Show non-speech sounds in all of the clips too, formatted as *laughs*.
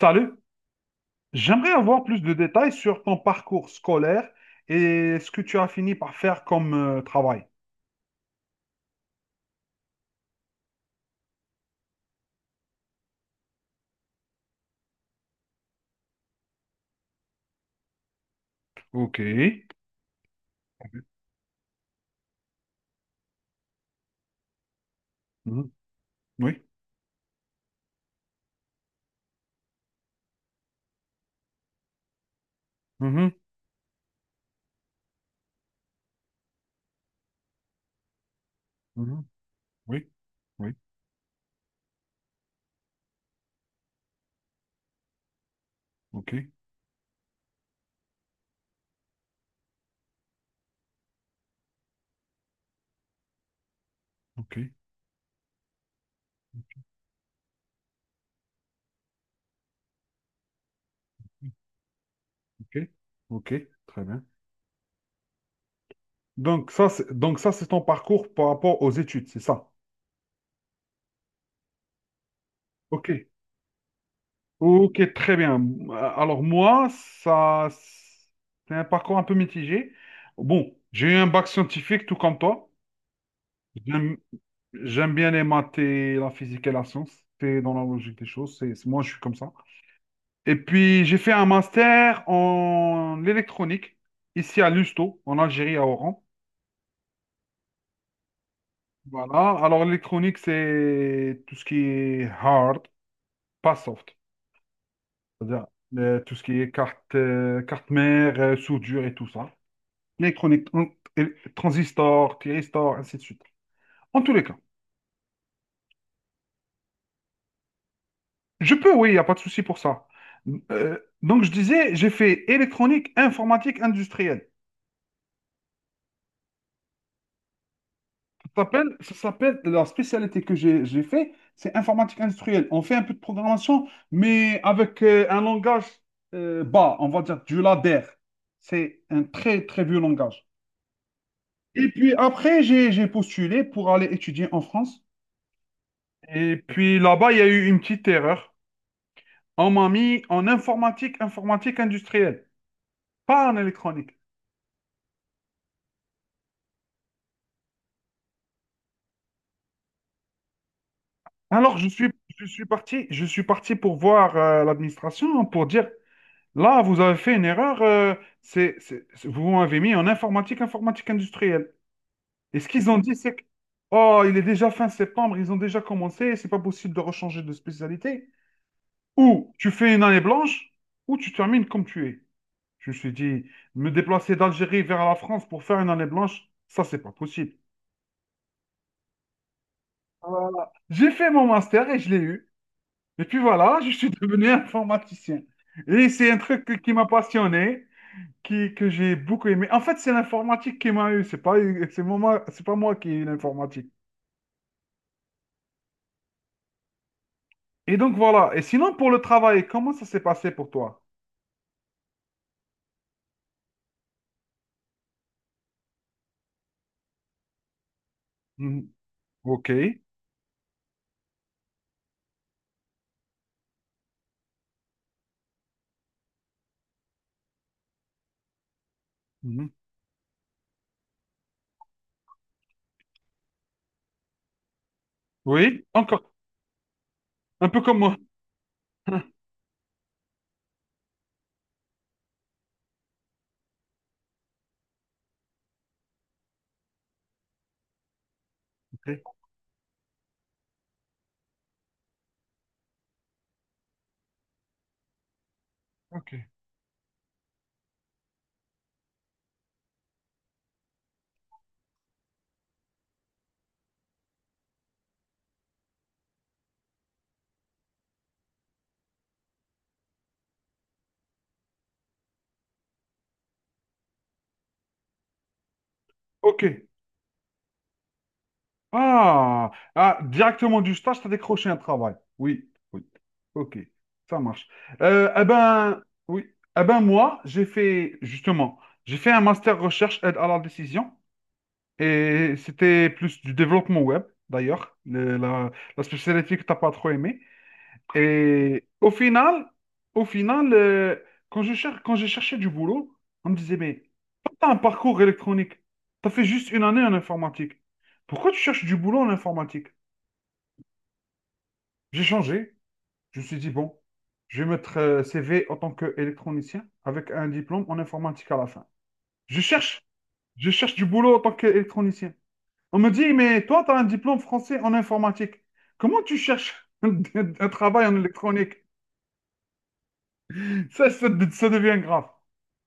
Salut, j'aimerais avoir plus de détails sur ton parcours scolaire et ce que tu as fini par faire comme travail. Ok. Mhm. Oui. Mhm. Mhm. Oui. Oui. Ok. Ok. Ok. Ok. Très bien. Donc ça, c'est ton parcours par rapport aux études, c'est ça? Ok. Ok, très bien. Alors moi, ça, c'est un parcours un peu mitigé. Bon, j'ai eu un bac scientifique, tout comme toi. J'ai un J'aime bien les maths et la physique et la science. C'est dans la logique des choses. Moi, je suis comme ça. Et puis, j'ai fait un master en électronique, ici à Lusto, en Algérie, à Oran. Voilà. Alors, l'électronique, c'est tout ce qui est hard, pas soft. C'est-à-dire tout ce qui est carte, carte mère, soudure et tout ça. L'électronique, transistor, thyristor, ainsi de suite. En tous les cas. Je peux, oui, il n'y a pas de souci pour ça. Donc, je disais, j'ai fait électronique, informatique industrielle. La spécialité que j'ai fait, c'est informatique industrielle. On fait un peu de programmation, mais avec un langage bas, on va dire du ladder. C'est un très, très vieux langage. Et puis après, j'ai postulé pour aller étudier en France. Et puis là-bas, il y a eu une petite erreur. On m'a mis en informatique industrielle, pas en électronique. Alors, je suis parti pour voir l'administration, hein, pour dire, là, vous avez fait une erreur, vous m'avez mis en informatique industrielle. Et ce qu'ils ont dit, c'est que, oh, il est déjà fin septembre, ils ont déjà commencé, c'est pas possible de rechanger de spécialité. Ou tu fais une année blanche, ou tu termines comme tu es. Je me suis dit, me déplacer d'Algérie vers la France pour faire une année blanche, ça, c'est pas possible. Voilà. J'ai fait mon master et je l'ai eu. Et puis voilà, je suis *laughs* devenu informaticien. Et c'est un truc qui m'a passionné, que j'ai beaucoup aimé. En fait, c'est l'informatique qui m'a eu, c'est pas moi qui ai eu l'informatique. Et donc voilà. Et sinon, pour le travail, comment ça s'est passé pour toi? Mhm. Ok. Mhm. Oui, encore. Un peu comme moi. *laughs* Ok. Ok. Ok. Ah, ah, directement du stage, tu as décroché un travail. Oui, oui. Ok, ça marche. Eh ben, oui. Eh ben, moi, j'ai fait, justement, j'ai fait un master recherche aide à la décision et c'était plus du développement web, d'ailleurs, la spécialité que t'as pas trop aimée. Et au final, quand j'ai cherché du boulot, on me disait, mais t'as un parcours électronique. T'as fait juste une année en informatique. Pourquoi tu cherches du boulot en informatique? J'ai changé. Je me suis dit, bon, je vais mettre CV en tant qu'électronicien avec un diplôme en informatique à la fin. Je cherche, je cherche du boulot en tant qu'électronicien. On me dit, mais toi, tu as un diplôme français en informatique. Comment tu cherches *laughs* un travail en électronique? Ça devient grave.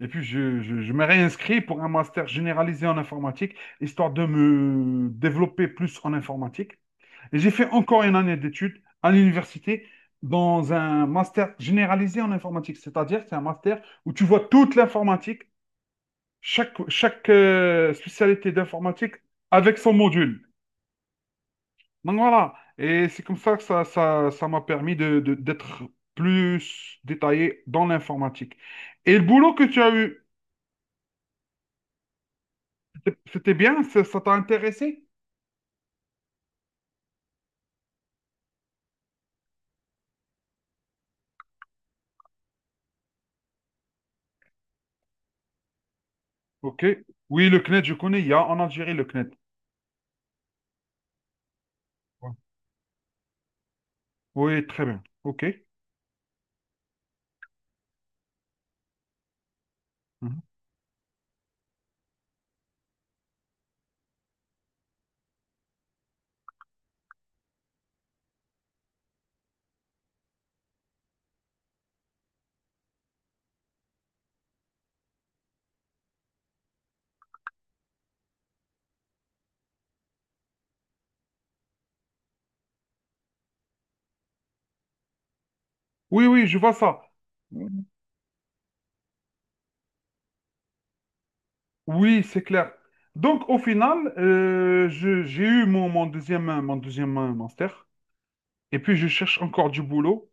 Et puis, je me réinscris pour un master généralisé en informatique, histoire de me développer plus en informatique. Et j'ai fait encore une année d'études à l'université dans un master généralisé en informatique, c'est-à-dire c'est un master où tu vois toute l'informatique, chaque spécialité d'informatique avec son module. Donc voilà, et c'est comme ça que ça m'a permis d'être plus détaillé dans l'informatique. Et le boulot que tu as eu, c'était bien, ça t'a intéressé? Ok. Oui, le CNED, je connais, il y a en Algérie le CNED. Ouais. Oui, très bien. Ok. Mhm. Oui, oui, je vois ça. Oui, c'est clair. Donc, au final, j'ai eu mon deuxième master. Et puis, je cherche encore du boulot.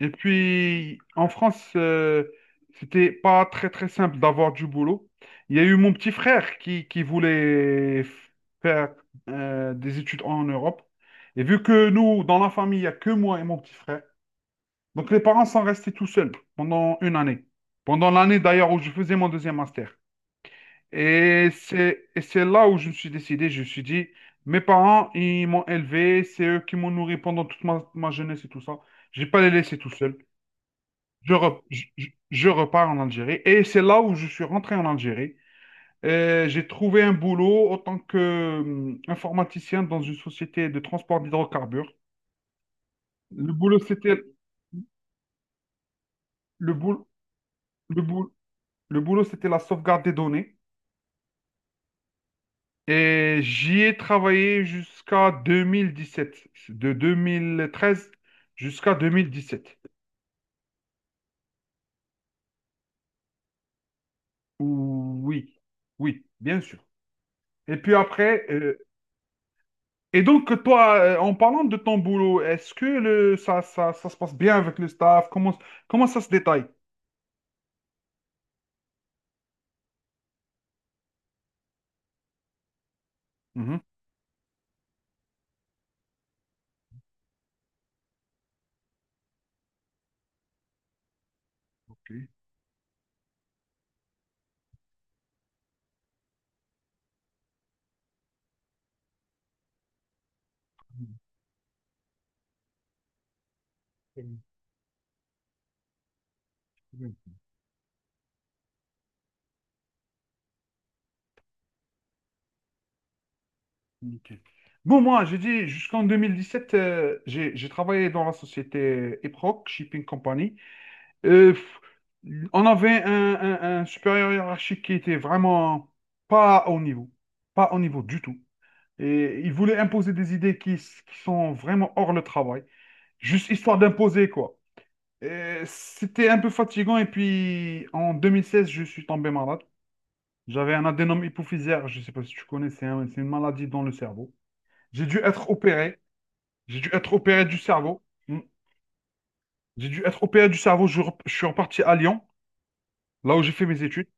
Et puis, en France, c'était pas très très simple d'avoir du boulot. Il y a eu mon petit frère qui voulait faire des études en Europe. Et vu que nous, dans la famille, il n'y a que moi et mon petit frère, donc les parents sont restés tout seuls pendant une année. Pendant l'année d'ailleurs où je faisais mon deuxième master. Et c'est là où je me suis décidé, je me suis dit, mes parents, ils m'ont élevé, c'est eux qui m'ont nourri pendant toute ma jeunesse et tout ça. Je vais pas les laisser tout seuls. Je, re- je repars en Algérie. Et c'est là où je suis rentré en Algérie. J'ai trouvé un boulot en tant que informaticien dans une société de transport d'hydrocarbures. Le boulot, c'était le boulot, le boul- le boulot, c'était la sauvegarde des données. Et j'y ai travaillé jusqu'à 2017, de 2013 jusqu'à 2017. Oui, oui, bien sûr. Et puis après, euh, Et donc, toi, en parlant de ton boulot, est-ce que ça se passe bien avec le staff? Comment ça se détaille? Mhm. Ok. Nickel. Bon, moi, j'ai dit, jusqu'en 2017, j'ai travaillé dans la société Eproc, Shipping Company. Euh, pff, on avait un supérieur hiérarchique qui était vraiment pas au niveau, pas au niveau du tout. Et il voulait imposer des idées qui sont vraiment hors le travail, juste histoire d'imposer, quoi. Et c'était un peu fatigant. Et puis, en 2016, je suis tombé malade. J'avais un adénome hypophysaire. Je ne sais pas si tu connais, c'est une maladie dans le cerveau. J'ai dû être opéré. J'ai dû être opéré du cerveau. Hmm. J'ai dû être opéré du cerveau. Je suis reparti à Lyon, là où j'ai fait mes études.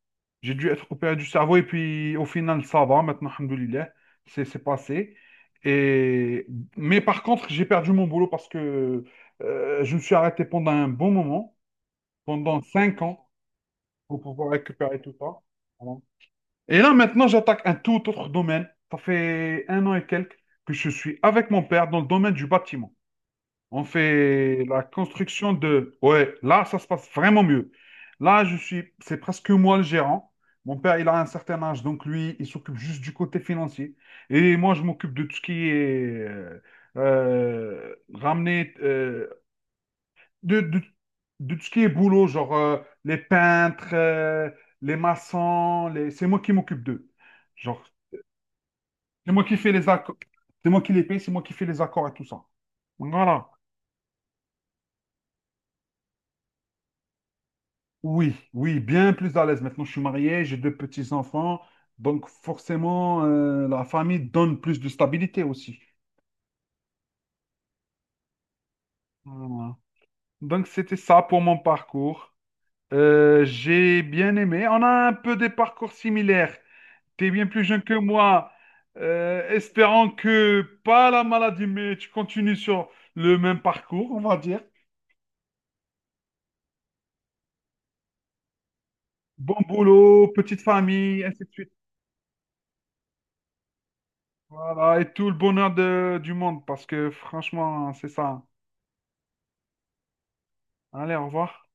J'ai dû être opéré du cerveau. Et puis, au final, ça va. Maintenant, alhamdoulilah, c'est passé. Et. Mais par contre, j'ai perdu mon boulot parce que je me suis arrêté pendant un bon moment, pendant 5 ans. Pour pouvoir récupérer tout ça. Voilà. Et là, maintenant, j'attaque un tout autre domaine. Ça fait un an et quelques que je suis avec mon père dans le domaine du bâtiment. On fait la construction de. Ouais, là, ça se passe vraiment mieux. Là, je suis. C'est presque moi le gérant. Mon père, il a un certain âge, donc lui, il s'occupe juste du côté financier. Et moi, je m'occupe de tout ce qui est ramener, de, de, de tout ce qui est boulot, genre les peintres, les maçons, les. C'est moi qui m'occupe d'eux. Genre, c'est moi qui fais les accords, c'est moi qui les paye, c'est moi qui fais les accords et tout ça. Voilà. Oui, oui, bien plus à l'aise. Maintenant, je suis marié, j'ai deux petits-enfants, donc forcément, la famille donne plus de stabilité aussi. Voilà. Donc, c'était ça pour mon parcours. J'ai bien aimé. On a un peu des parcours similaires. T'es bien plus jeune que moi. Espérant que pas la maladie, mais tu continues sur le même parcours, on va dire. Bon boulot, petite famille, ainsi de suite. Voilà, et tout le bonheur du monde, parce que franchement, c'est ça, hein. Allez, au revoir.